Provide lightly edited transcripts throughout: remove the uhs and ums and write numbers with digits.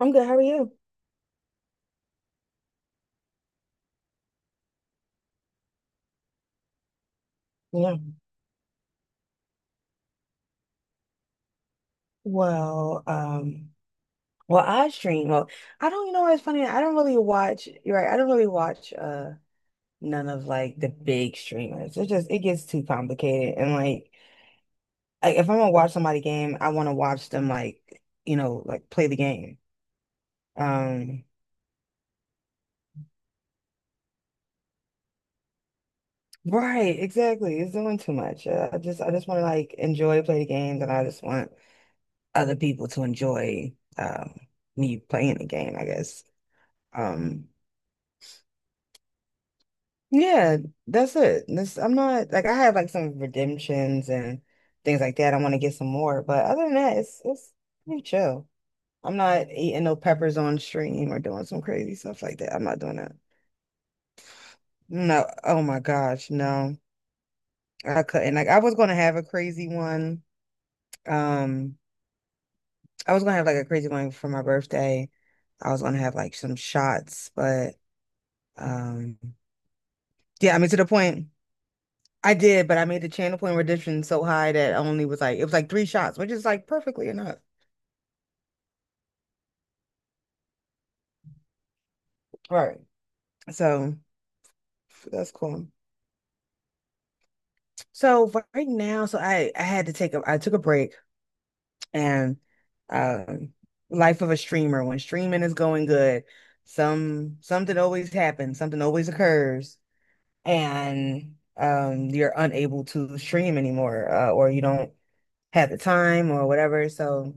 I'm good. How are you? Yeah. Well, um, well, I stream. I don't, you know, it's funny. I don't really watch, you're right. I don't really watch none of like the big streamers. It gets too complicated. Like if I'm gonna watch somebody game, I want to watch them, like, you know, like play the game. Um, right, exactly. It's doing too much. I just want to like enjoy play the games, and I just want other people to enjoy me playing the game, I guess. Um Yeah, that's it. I'm not like I had like some redemptions and things like that. I want to get some more, but other than that, it's pretty chill. I'm not eating no peppers on stream or doing some crazy stuff like that. I'm not doing that. No, oh my gosh, no. I couldn't. Like I was gonna have a crazy one. Um, I was gonna have like a crazy one for my birthday. I was gonna have like some shots, but um yeah, I mean to the point. I did, but I made the channel point redemption so high that I only was like it was like three shots, which is like perfectly enough. Right. So that's cool. So right now, so I had to take a I took a break and um life of a streamer when streaming is going good, something always happens, something always occurs, and you're unable to stream anymore, or you don't have the time or whatever. So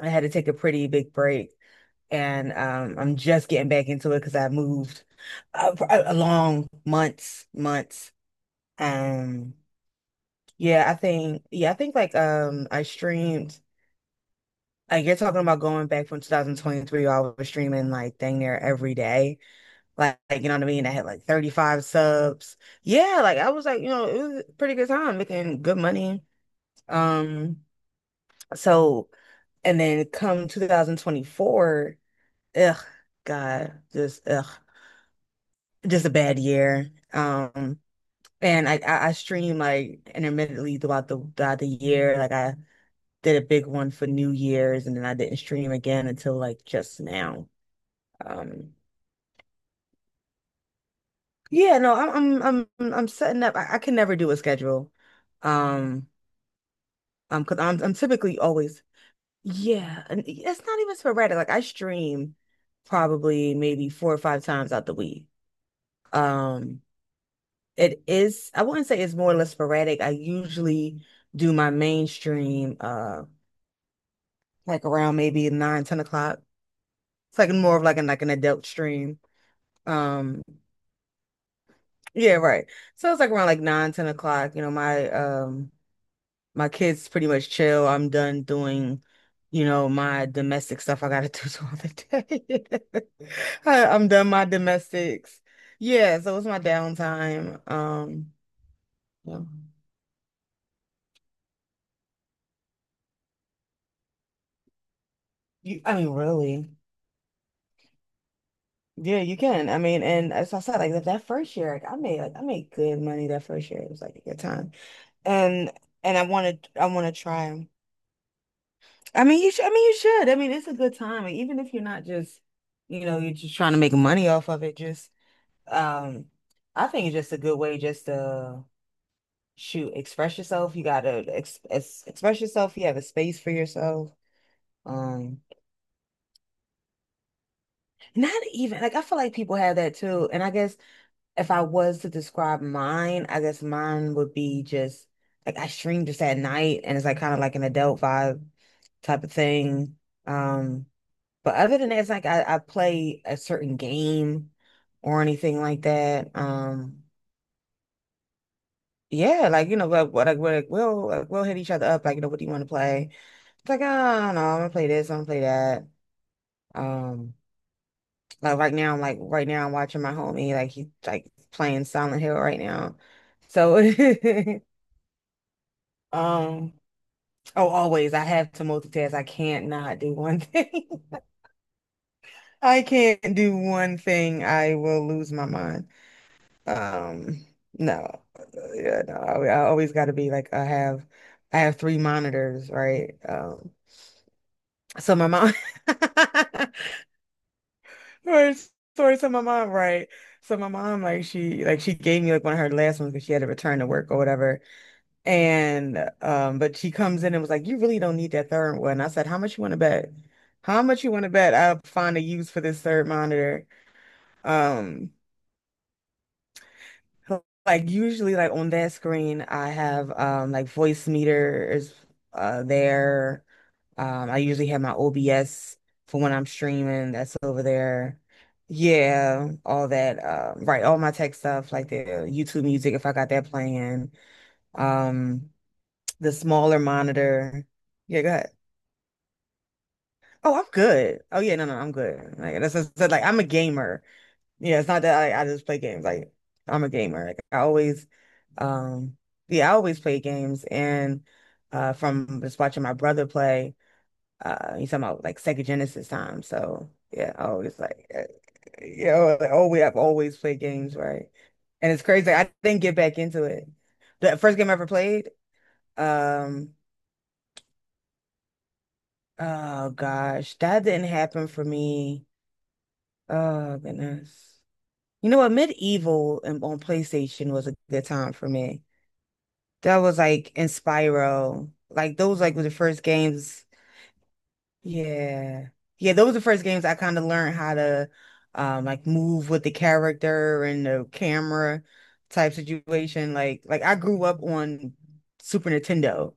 I had to take a pretty big break, and I'm just getting back into it because I moved for a long months, months. Um, yeah, I think like I streamed. Like you're talking about going back from 2023, I was streaming like dang near every day. Like, you know what I mean? I had like 35 subs. Yeah, like I was like, you know, it was a pretty good time making good money. Um, so and then come 2024, ugh, God, just ugh. Just a bad year. And I stream like intermittently throughout the year. Like I did a big one for New Year's, and then I didn't stream again until like just now. Um, yeah, no, I'm setting up. I can never do a schedule. Um, because I'm typically always yeah, and it's not even sporadic. Like I stream probably maybe four or five times out the week. Um, It is, I wouldn't say it's more or less sporadic. I usually do my mainstream like around maybe nine, 10 o'clock. It's like more of like an adult stream. Um yeah, right. So it's like around like nine, 10 o'clock. You know, my my kids pretty much chill. I'm done doing, you know, my domestic stuff I gotta do throughout the day. I'm done my domestics. Yeah, so it's my downtime. Yeah. You, I mean really. Yeah, you can. I mean, and as I said, like that, that first year, like I made good money that first year. It was like a good time. And and I wanted I want to try 'em. I mean, you should I mean you should. I mean, it's a good time. Like, even if you're not just, you know, you're just trying to make money off of it, just um I think it's just a good way just to shoot, express yourself. You gotta ex ex express yourself. You have a space for yourself. Um, not even like I feel like people have that too. And I guess if I was to describe mine, I guess mine would be just like I stream just at night and it's like kind of like an adult vibe type of thing. Um, but other than that, it's like I play a certain game or anything like that. Yeah, like you know, like, what like, we'll hit each other up, like, you know, what do you want to play? It's like, oh no, I'm gonna play this, I'm gonna play that. Um, like right now, I'm like right now I'm watching my homie, like he's like playing Silent Hill right now. So Um, oh, always. I have to multitask. I can't not do one thing. I can't do one thing. I will lose my mind. Um, no. Yeah, no. I always got to be like I have three monitors, right? So my mom Sorry. So my mom, right. So my mom like she she gave me like one of her last ones because she had to return to work or whatever. And but she comes in and was like, "You really don't need that third one." I said, "How much you want to bet? How much you want to bet I'll find a use for this third monitor?" Um, so, like usually, like on that screen, I have like voice meters there. I usually have my OBS for when I'm streaming. That's over there. Yeah, all that. Right, all my tech stuff like the YouTube music if I got that playing. Um, the smaller monitor. Yeah, go ahead. Oh, I'm good. Oh yeah, no, no, I'm good. Like that's what I said, like I'm a gamer. Yeah, it's not that I just play games. Like I'm a gamer. Like I always, um, yeah, I always play games. And from just watching my brother play, he's talking about like Sega Genesis time. So yeah, I always like, you know, like, oh, we have always played games, right? And it's crazy. Like, I didn't get back into it. The first game I ever played, um, oh gosh, that didn't happen for me. Oh goodness. You know what? Medieval and on PlayStation was a good time for me. That was like in Spyro. Like those like were the first games. Yeah. Yeah, those were the first games I kind of learned how to like move with the character and the camera type situation. Like I grew up on Super Nintendo.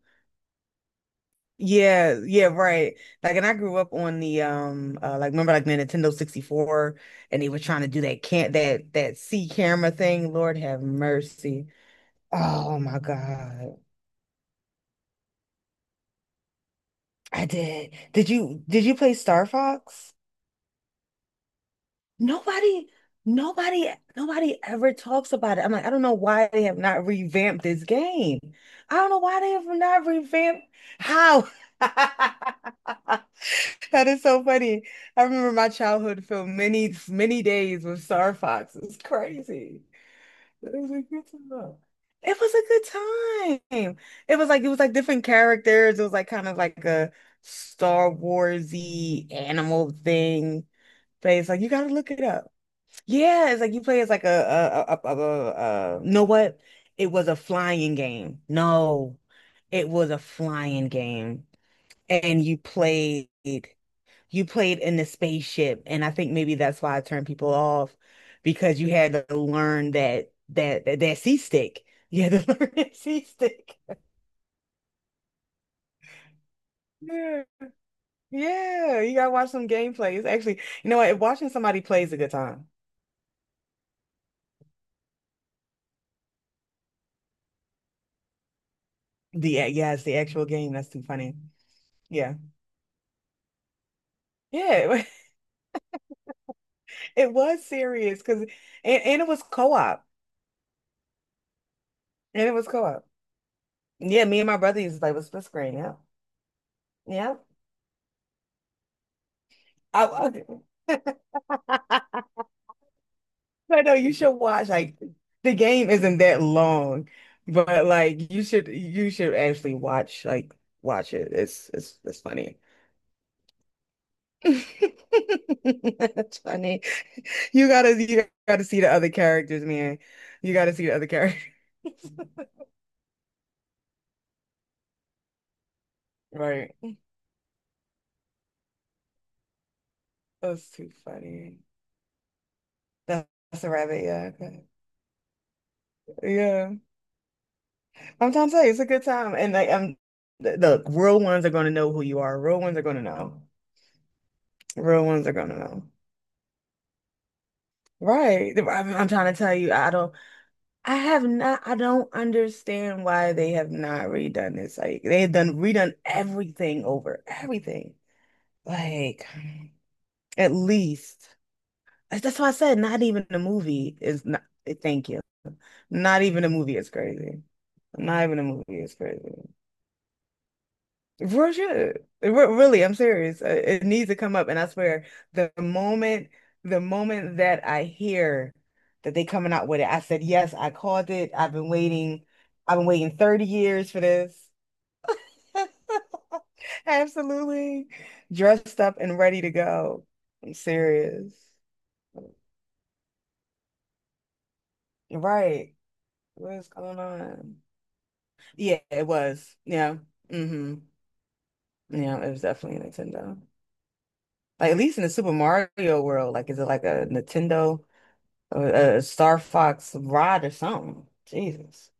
Yeah, yeah, right. Like, and I grew up on the like remember like the Nintendo 64, and they were trying to do that can't that that C camera thing. Lord have mercy. Oh my God, I did. Did you play Star Fox? Nobody, nobody ever talks about it. I'm like, I don't know why they have not revamped this game. I don't know why they have not revamped how. That is so funny. I remember my childhood filled many, many days with Star Fox. It's crazy. It was a good time. It was a good time. It was like different characters. It was like kind of like a Star Warsy animal thing. But it's like you gotta look it up. Yeah, it's like you play as like you know what? It was a flying game. No, it was a flying game, and you played in the spaceship, and I think maybe that's why I turned people off because you had to learn that C stick. You had to learn that C stick. Yeah, yeah. You gotta watch some gameplay. It's actually, you know what? Watching somebody play is a good time. The yeah, it's the actual game. That's too funny. Yeah. Yeah, it was serious because and it was co-op. And it was co-op. Yeah, me and my brother used to play with split screen. Yeah. Yeah. I, I, I know you should watch like the game isn't that long, but like you should actually watch like watch it. It's funny. It's funny. You gotta see the other characters, man. You gotta see the other characters. Right. That's too funny. That's a rabbit. Yeah. Okay. Yeah. I'm trying to tell you, it's a good time. And like, I'm look, real ones are going to know who you are. Real ones are going to know. Real ones are going to know. Right. I'm trying to tell you, I have not, I don't understand why they have not redone this. Like, they have done redone everything over, everything. Like, at least that's why I said not even a movie is not, thank you. Not even a movie is crazy. Not even a movie is crazy. Real shit. Really, I'm serious. It needs to come up, and I swear, the moment, the moment that I hear that they coming out with it, I said, yes, I called it. I've been waiting. I've been waiting 30 years for this. Absolutely. Dressed up and ready to go. I'm serious. Right. What's going on? Yeah, it was. Yeah. Mm-hmm. Yeah, it was definitely Nintendo. Like at least in the Super Mario world, like is it like a Nintendo or a Star Fox rod or something? Jesus.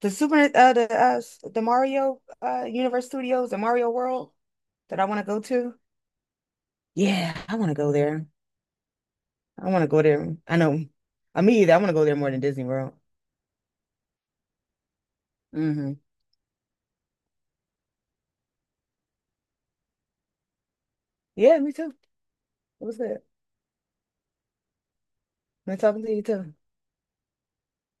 The Super the the Mario Universe Studios, the Mario World that I want to go to. Yeah, I want to go there. I want to go there. I know. I mean, I want to go there more than Disney World. Hmm. Yeah, me too. It was good. Nice talking to you too.